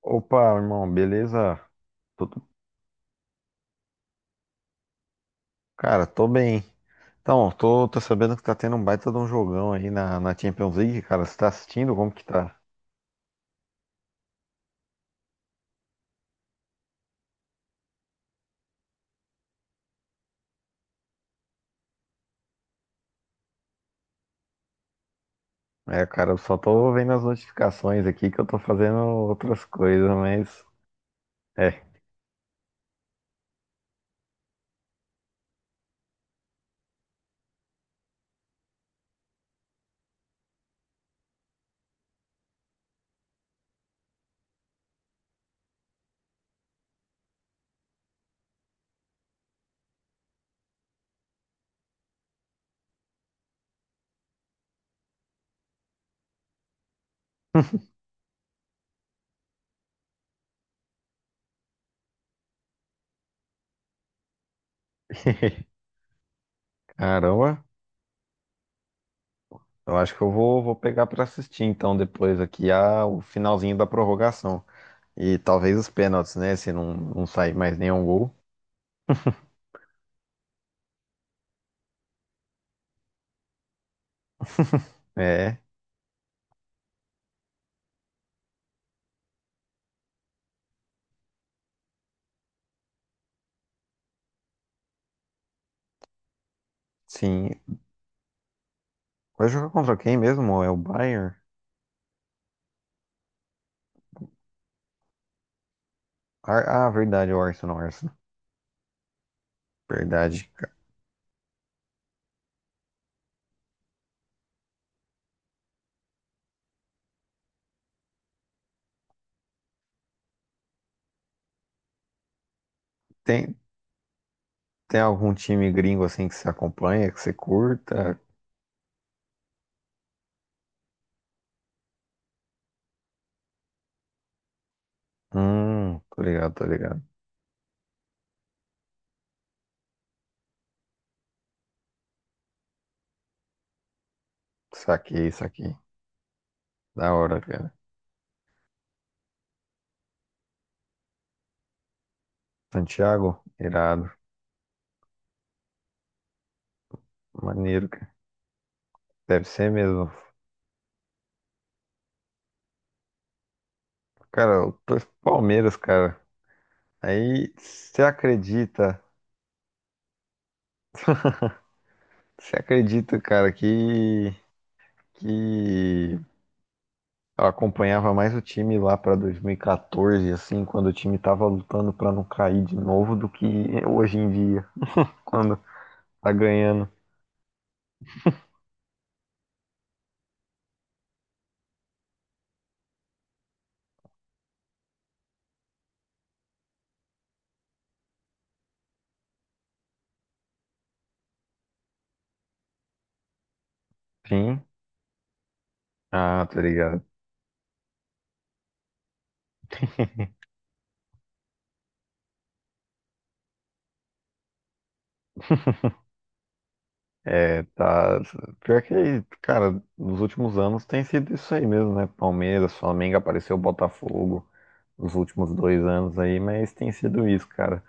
Opa, irmão, beleza? Tudo... Cara, tô bem. Então, tô sabendo que tá tendo um baita de um jogão aí na Champions League, cara. Você tá assistindo? Como que tá? É, cara, eu só tô vendo as notificações aqui que eu tô fazendo outras coisas, mas. É. Caramba, eu acho que eu vou pegar pra assistir então depois aqui a, o finalzinho da prorrogação. E talvez os pênaltis, né? Se não, não sair mais nenhum gol. É, sim. Vai jogar contra quem mesmo? É o Bayern? Ah, verdade, o Arsenal, Arsenal. Verdade. Tem, tem algum time gringo assim que você acompanha, que você curta? Tô ligado, tô ligado. Saquei, saquei. Da hora, cara. Santiago, irado. Maneiro, cara. Deve ser mesmo. Cara, eu torço pro Palmeiras, cara. Aí, você acredita, cara, que eu acompanhava mais o time lá para 2014, assim, quando o time tava lutando para não cair de novo, do que hoje em dia, quando tá ganhando. Sim. Ah, tá ligado. É, tá. Pior que, cara, nos últimos anos tem sido isso aí mesmo, né? Palmeiras, Flamengo, apareceu o Botafogo nos últimos dois anos aí, mas tem sido isso, cara.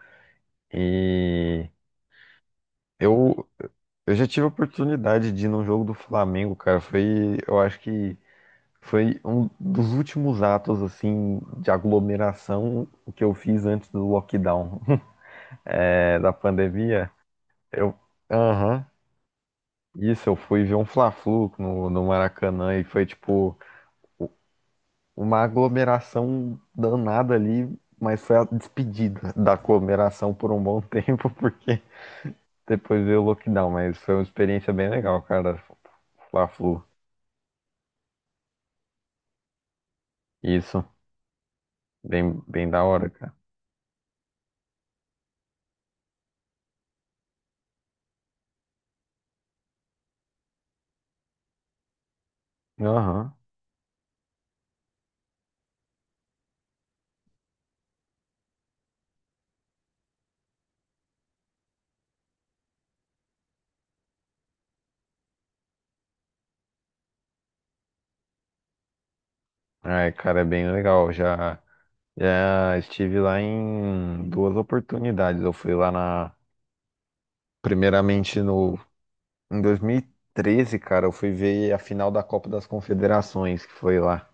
E eu, eu já tive a oportunidade de ir num jogo do Flamengo, cara. Foi, eu acho que foi um dos últimos atos assim de aglomeração que eu fiz antes do lockdown, é, da pandemia. Eu, aham, isso, eu fui ver um Fla-Flu no Maracanã e foi tipo uma aglomeração danada ali, mas foi a despedida da aglomeração por um bom tempo, porque depois veio o lockdown, mas foi uma experiência bem legal, cara, Fla-Flu. Isso, bem da hora, cara. Aham. Ai, cara, é bem legal. Já já estive lá em duas oportunidades. Eu fui lá na, primeiramente no, em 2013, cara, eu fui ver a final da Copa das Confederações, que foi lá.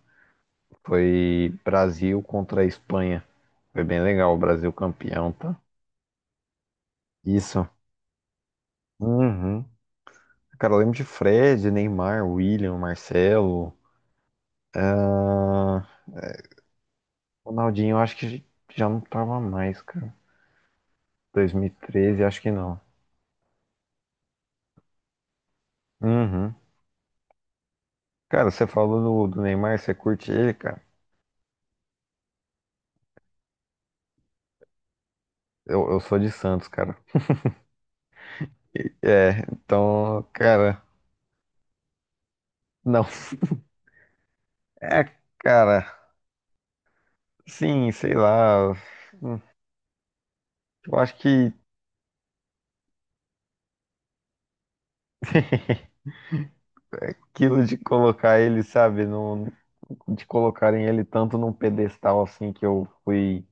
Foi Brasil contra a Espanha. Foi bem legal, o Brasil campeão, tá? Isso. Uhum. Cara, eu lembro de Fred, Neymar, William, Marcelo. Ah, Ronaldinho, eu acho que já não tava mais, cara. 2013, acho que não. Uhum. Cara, você falou do Neymar, você curte ele, cara? Eu sou de Santos, cara. É, então, cara, não. É, cara, sim, sei lá. Eu acho que aquilo de colocar ele, sabe, de colocarem ele tanto num pedestal assim que eu fui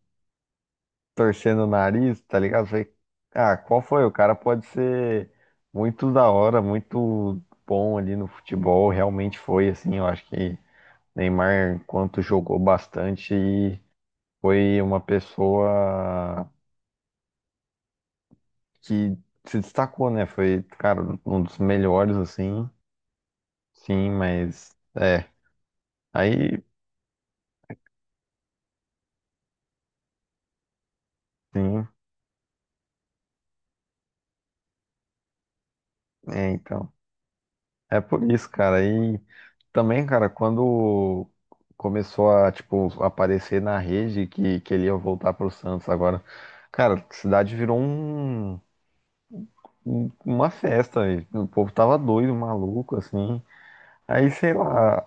torcendo o nariz, tá ligado? Falei, ah, qual foi? O cara pode ser muito da hora, muito bom ali no futebol, realmente foi assim. Eu acho que Neymar, enquanto jogou bastante, foi uma pessoa que se destacou, né? Foi, cara, um dos melhores, assim. Sim, mas. É. Aí, sim. É, então. É por isso, cara. Aí também, cara, quando começou a, tipo, aparecer na rede que ele ia voltar pro Santos agora. Cara, a cidade virou um, uma festa, velho. O povo tava doido, maluco, assim. Aí, sei lá.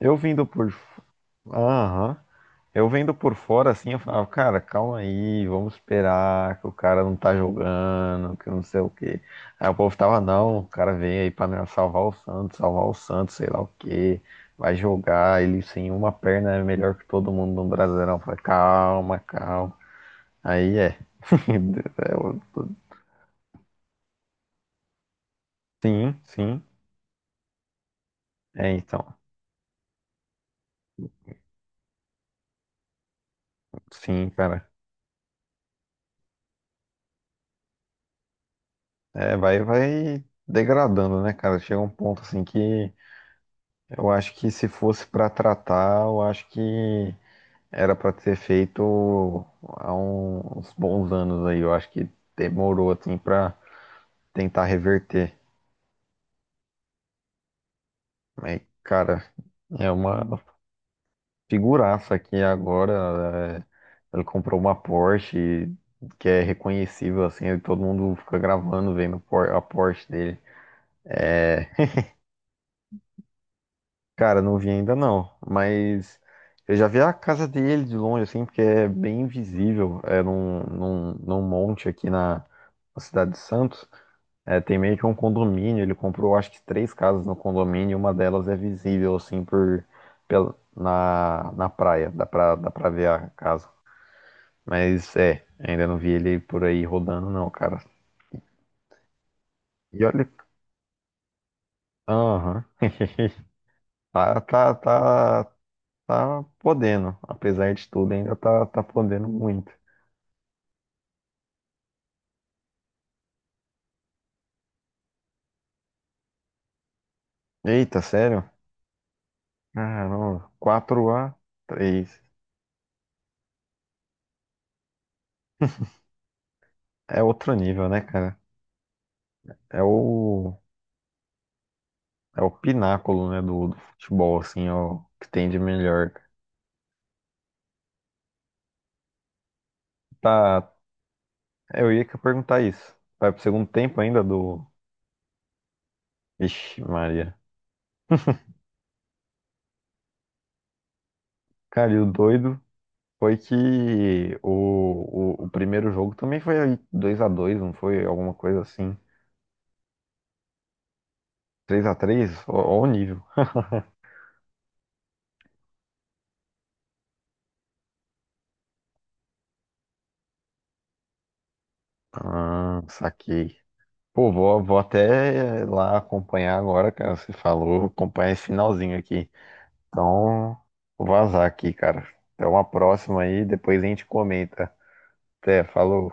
Eu vindo por. Aham. Eu vendo por fora assim, eu falava, cara, calma aí, vamos esperar que o cara não tá jogando, que não sei o quê. Aí o povo tava, não, o cara veio aí pra salvar o Santos, sei lá o quê, vai jogar, ele sem uma perna é melhor que todo mundo no Brasileirão. Eu falei, calma, calma. Aí é. É, sim, sim. É, então, sim, cara. É, vai degradando, né, cara? Chega um ponto assim que eu acho que se fosse pra tratar, eu acho que era pra ser feito há uns bons anos aí. Eu acho que demorou assim pra tentar reverter. Mas, cara, é uma figuraça aqui agora. É, ele comprou uma Porsche que é reconhecível assim, e todo mundo fica gravando vendo a Porsche dele. É, cara, não vi ainda não, mas eu já vi a casa dele de longe, assim, porque é bem visível, é num monte aqui na cidade de Santos. É, tem meio que um condomínio, ele comprou acho que três casas no condomínio, uma delas é visível assim por pela, na praia, dá pra ver a casa. Mas é, ainda não vi ele por aí rodando não, cara. E olha, aham. Tá, tá, tá, tá podendo, apesar de tudo, ainda tá podendo muito. Eita, sério? Caramba, quatro a três. É outro nível, né, cara? É o É o pináculo, né, do, do futebol, assim, é o que tem de melhor. Tá, eu ia que perguntar isso. Vai pro segundo tempo ainda do... Ixi, Maria. Cara, e o doido foi que o primeiro jogo também foi dois a dois, não foi? Alguma coisa assim. Três a três. Ó ó o nível. Ah, saquei. Pô, vou até lá acompanhar agora, cara, você falou, acompanhar esse finalzinho aqui. Então, vou vazar aqui, cara. Até uma próxima aí, depois a gente comenta. Até, falou.